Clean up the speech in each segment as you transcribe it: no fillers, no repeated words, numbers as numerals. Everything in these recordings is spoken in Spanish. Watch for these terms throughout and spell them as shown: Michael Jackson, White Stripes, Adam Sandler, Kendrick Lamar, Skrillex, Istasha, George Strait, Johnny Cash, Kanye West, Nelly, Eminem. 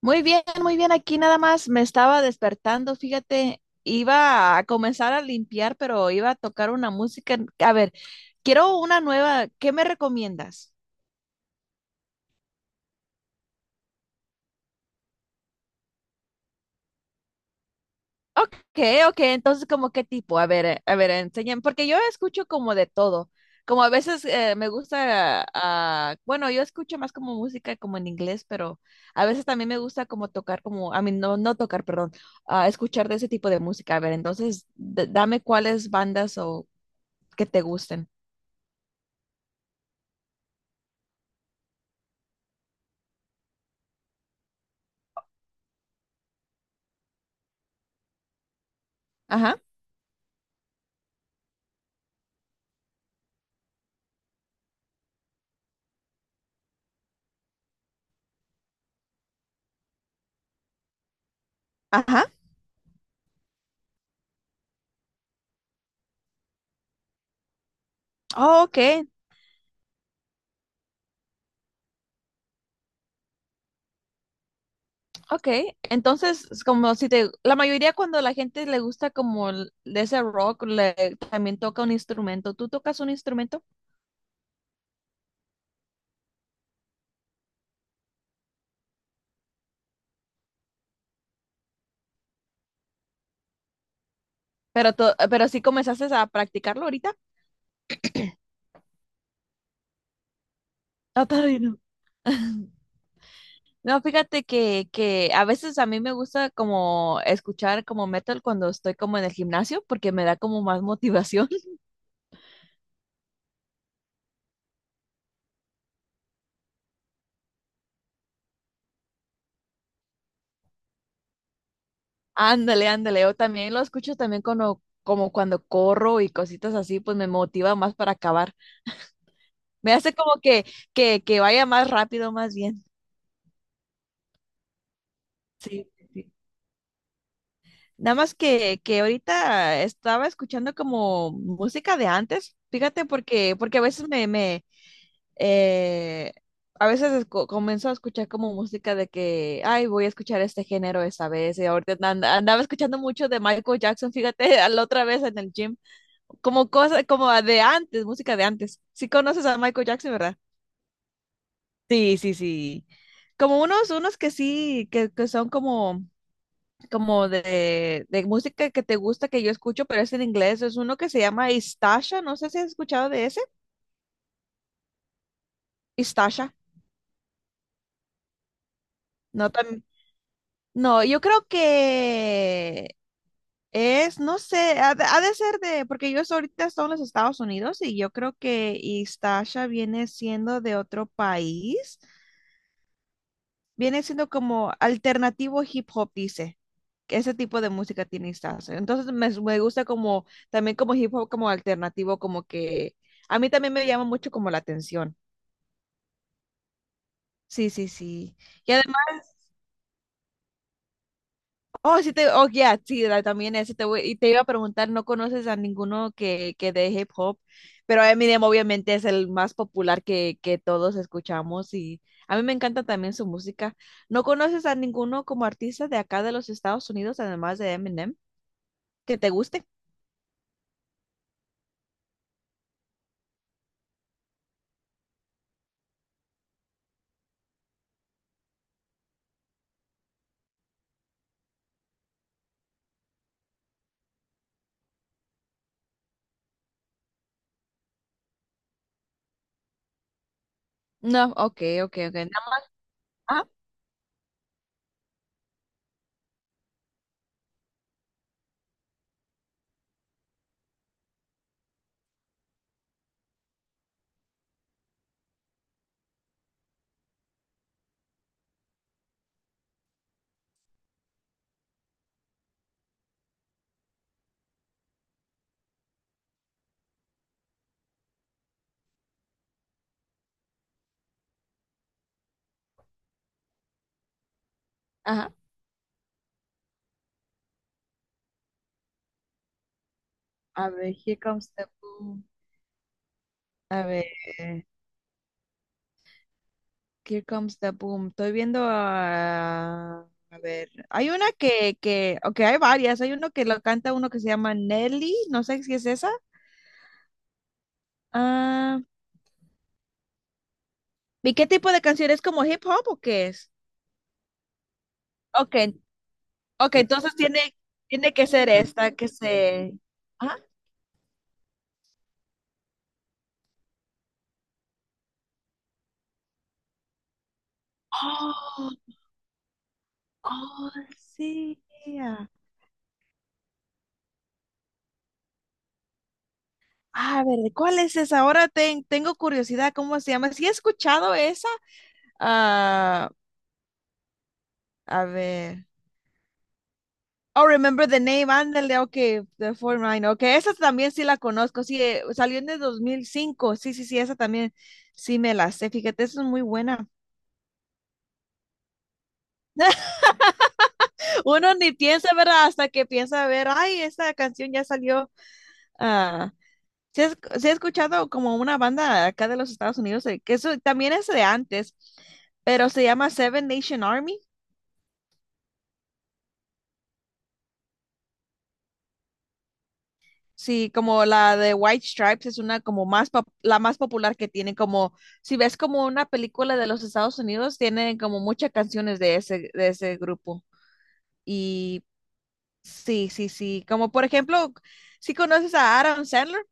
Muy bien, muy bien. Aquí nada más me estaba despertando, fíjate, iba a comenzar a limpiar, pero iba a tocar una música. A ver, quiero una nueva. ¿Qué me recomiendas? Ok, ok. Entonces, ¿como qué tipo? A ver, enséñame, porque yo escucho como de todo. Como a veces me gusta, bueno, yo escucho más como música como en inglés, pero a veces también me gusta como tocar como, a mí no, no tocar, perdón, escuchar de ese tipo de música. A ver, entonces, dame cuáles bandas o que te gusten. Ajá, ajá. Oh, ok, ok. Entonces, es como si te, la mayoría cuando la gente le gusta como de ese rock, le, también toca un instrumento. ¿Tú tocas un instrumento? Pero, pero sí comenzaste a practicarlo ahorita. No, todavía no. No, fíjate que a veces a mí me gusta como escuchar como metal cuando estoy como en el gimnasio porque me da como más motivación. Ándale, ándale. O también lo escucho también cuando, como cuando corro y cositas así, pues me motiva más para acabar. Me hace como que vaya más rápido, más bien. Sí, sí, sí. Nada más que ahorita estaba escuchando como música de antes, fíjate, porque, porque a veces me, me eh, a veces comienzo a escuchar como música de que, ay, voy a escuchar este género esta vez, y ahorita andaba escuchando mucho de Michael Jackson, fíjate, a la otra vez en el gym, como cosa, como de antes, música de antes. Si conoces a Michael Jackson, ¿verdad? Sí, sí, sí. Como unos, unos que sí, que son como, como de música que te gusta, que yo escucho, pero es en inglés. Es uno que se llama Istasha. No sé si has escuchado de ese. Istasha. No, tan, no, yo creo que es, no sé, ha de ser de, porque yo ahorita estoy en los Estados Unidos y yo creo que Istasha viene siendo de otro país. Viene siendo como alternativo hip hop, dice. Que ese tipo de música tiene Stars. Entonces me gusta como también como hip hop como alternativo, como que a mí también me llama mucho como la atención. Sí, sí, sí. Y además, oh, sí te, oh, ya, sí, la- también ese y te iba a preguntar, ¿no conoces a ninguno que de hip hop? Pero Eminem obviamente es el más popular que todos escuchamos y a mí me encanta también su música. ¿No conoces a ninguno como artista de acá de los Estados Unidos, además de Eminem? Que te guste. No, ok, ok, ok. Nada más- Ajá, ajá. A ver, Here Comes the Boom. A ver, Here Comes the Boom. Estoy viendo a... A ver, hay una ok, hay varias. Hay uno que lo canta uno que se llama Nelly, no sé si es esa. Ah, ¿y qué tipo de canción es como hip hop o qué es? Ok, ok, entonces tiene, tiene que ser esta que se... Ajá. Oh, oh, sí. Ah, a ver, ¿de cuál es esa? Ahora tengo curiosidad, ¿cómo se llama? ¿Sí he escuchado esa? Ah, a ver. Oh, remember the name, ándale, ok, the 49, ok, esa también sí la conozco, sí, salió en el 2005. Sí, sí, sí, esa también sí me la sé, fíjate, esa es muy buena. Uno ni piensa, ¿verdad? Hasta que piensa, a ver, ay, esa canción ya salió, ah, sí, he sí he escuchado como una banda acá de los Estados Unidos, que eso también es de antes, pero se llama Seven Nation Army. Sí, como la de White Stripes es una como más la más popular que tiene como si ves como una película de los Estados Unidos tienen como muchas canciones de ese grupo. Y sí, sí, sí, como por ejemplo, si conoces a Adam Sandler,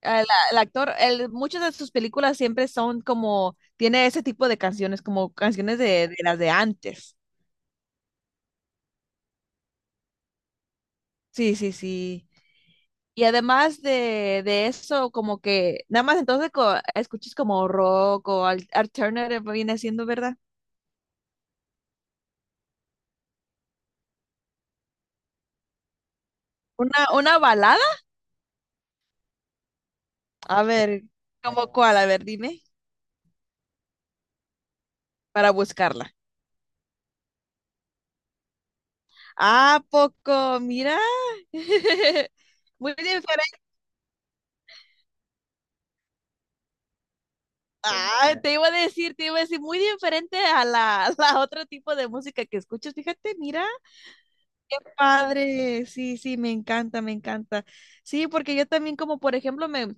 el, el actor, él- muchas de sus películas siempre son como tiene ese tipo de canciones como canciones de las de antes. Sí, sí, sí. Y además de eso, como que nada más entonces escuchas como rock o alternative viene siendo, ¿verdad? Una balada. A ver, ¿cómo cuál? A ver, dime, para buscarla. ¿Ah poco? Mira. Muy diferente. Ah, te iba a decir, te iba a decir, muy diferente a la, a la otro tipo de música que escuchas. Fíjate, mira, qué padre. Sí, sí, me encanta, me encanta. Sí, porque yo también como, por ejemplo, me...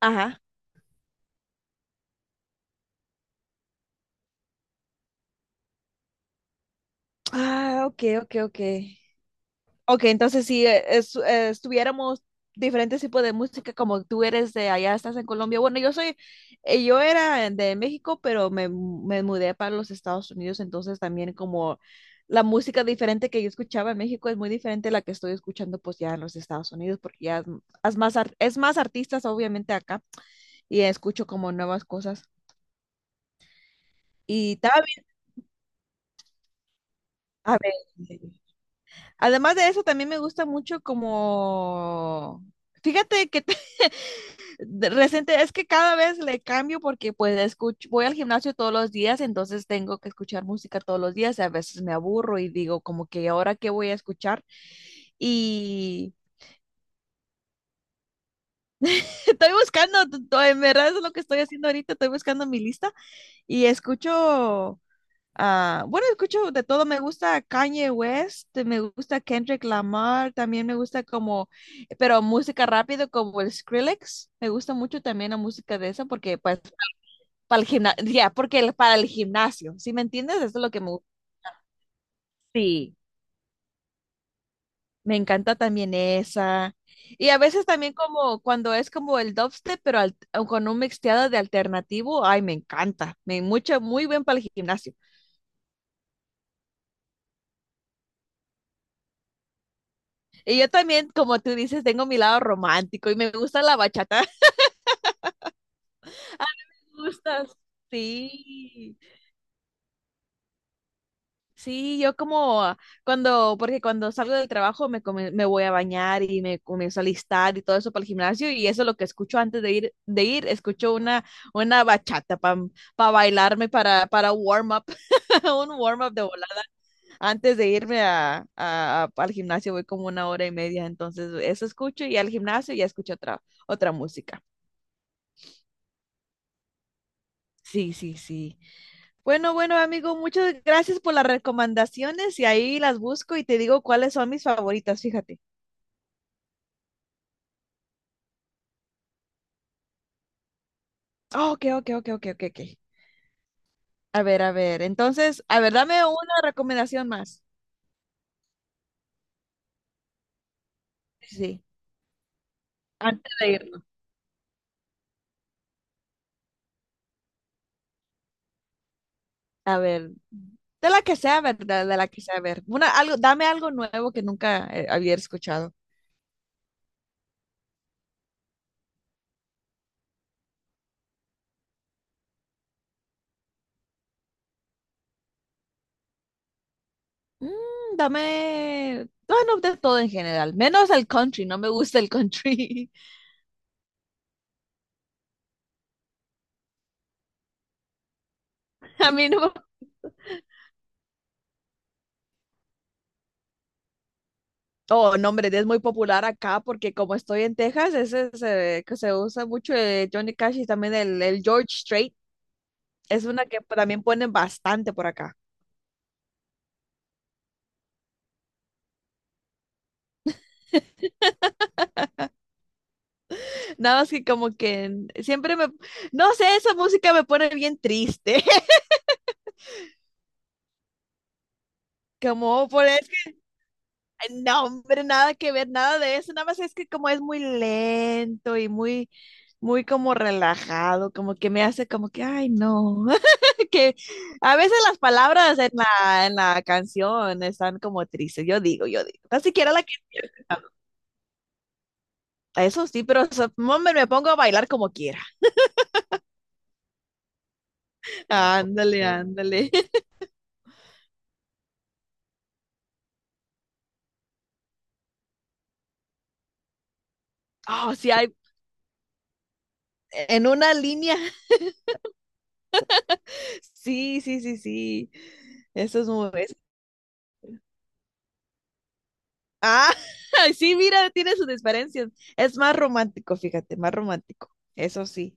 Ajá. Ah, ok, ok, ok. Ok, entonces si estuviéramos diferentes tipos de música, como tú eres de allá, estás en Colombia. Bueno, yo soy, yo era de México, pero me mudé para los Estados Unidos, entonces también como la música diferente que yo escuchaba en México es muy diferente a la que estoy escuchando pues ya en los Estados Unidos, porque ya es más, es más artistas obviamente acá y escucho como nuevas cosas. Y también, a ver. Además de eso, también me gusta mucho como... Fíjate que te- de reciente es que cada vez le cambio porque pues escucho, voy al gimnasio todos los días, entonces tengo que escuchar música todos los días y a veces me aburro y digo como que ahora qué voy a escuchar y estoy buscando, en verdad es lo que estoy haciendo ahorita, estoy buscando mi lista y escucho. Ah, bueno, escucho de todo, me gusta Kanye West, me gusta Kendrick Lamar, también me gusta como, pero música rápido como el Skrillex, me gusta mucho también la música de esa porque pues para el gimnasio, ya, porque para el gimnasio, ¿sí me entiendes? Eso es lo que me gusta. Sí, me encanta también esa. Y a veces también como cuando es como el dubstep, pero al- con un mixteado de alternativo, ay, me encanta, me mucho, muy bien para el gimnasio. Y yo también, como tú dices, tengo mi lado romántico y me gusta la bachata. Me gusta. Sí, sí, yo como cuando, porque cuando salgo del trabajo me voy a bañar y me comienzo a listar y todo eso para el gimnasio y eso es lo que escucho antes de ir, escucho una bachata para bailarme, para warm up, un warm up de volar. Antes de irme a, al gimnasio voy como una hora y media, entonces eso escucho y al gimnasio ya escucho otra, otra música. Sí, sí, sí. Bueno, bueno, amigo, muchas gracias por las recomendaciones y ahí las busco y te digo cuáles son mis favoritas, fíjate. Oh, ok, ok, ok, ok, ok, ok. A ver, entonces, a ver, dame una recomendación más. Sí, sí, antes de irnos. A ver, de la que sea, ¿verdad? De la que sea, a ver. Una, algo, dame algo nuevo que nunca había escuchado. Mm, dame, bueno, de todo en general, menos el country, no me gusta el country. A mí no. Oh, no, hombre, es muy popular acá porque como estoy en Texas, ese se, que se usa mucho Johnny Cash y también el George Strait. Es una que también ponen bastante por acá. Nada más que como que en- siempre me, no sé, esa música me pone bien triste. Como por eso. No, hombre, nada que ver, nada de eso. Nada más es que como es muy lento y muy, muy como relajado, como que me hace como que, ay, no. Que a veces las palabras en la canción están como tristes. Yo digo, yo digo. Ni siquiera la que Eso sí, pero so- hombre, me pongo a bailar como quiera. Ándale, ándale. Oh, sí hay en una línea. Sí, sí, sí, sí. Eso es muy, ah, sí, mira, tiene sus diferencias. Es más romántico, fíjate, más romántico. Eso sí.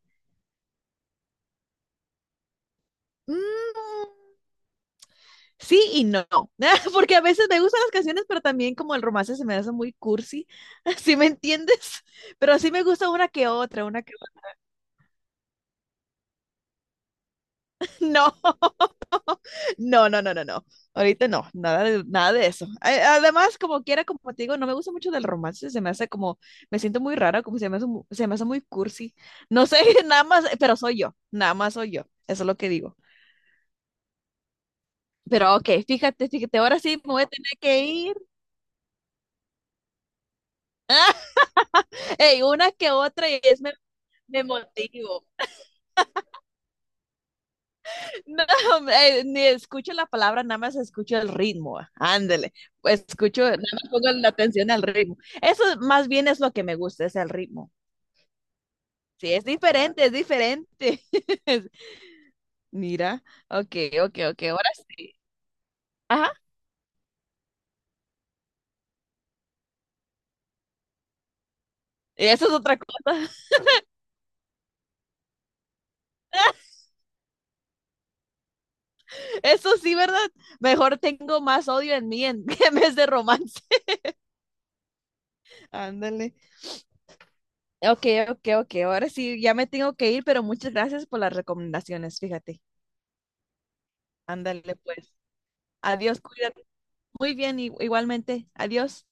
Mm, sí y no. Porque a veces me gustan las canciones, pero también como el romance se me hace muy cursi. ¿Sí me entiendes? Pero sí me gusta una que otra, una que otra. No, no, no, no, no, no. Ahorita no, nada de, nada de eso. A- además, como quiera, como te digo, no me gusta mucho del romance, se me hace como, me siento muy rara, como se me hace, se me hace muy cursi. No sé, nada más, pero soy yo, nada más soy yo, eso es lo que digo. Pero ok, fíjate, fíjate, ahora sí me voy a tener que ir. Ey, una que otra y es me, me motivo. No, hombre, ni escucho la palabra, nada más escucho el ritmo. Ah, ándele, escucho, nada más pongo la atención al ritmo. Eso más bien es lo que me gusta, es el ritmo. Sí, es diferente, es diferente. Mira, ok, ok, ok, ahora sí. Ajá, eso es otra cosa. Eso sí, ¿verdad? Mejor tengo más odio en mí en, en vez de romance. Ándale. Ok, ok, ok. Ahora sí, ya me tengo que ir, pero muchas gracias por las recomendaciones, fíjate. Ándale, pues. Adiós, cuídate. Muy bien, igualmente. Adiós.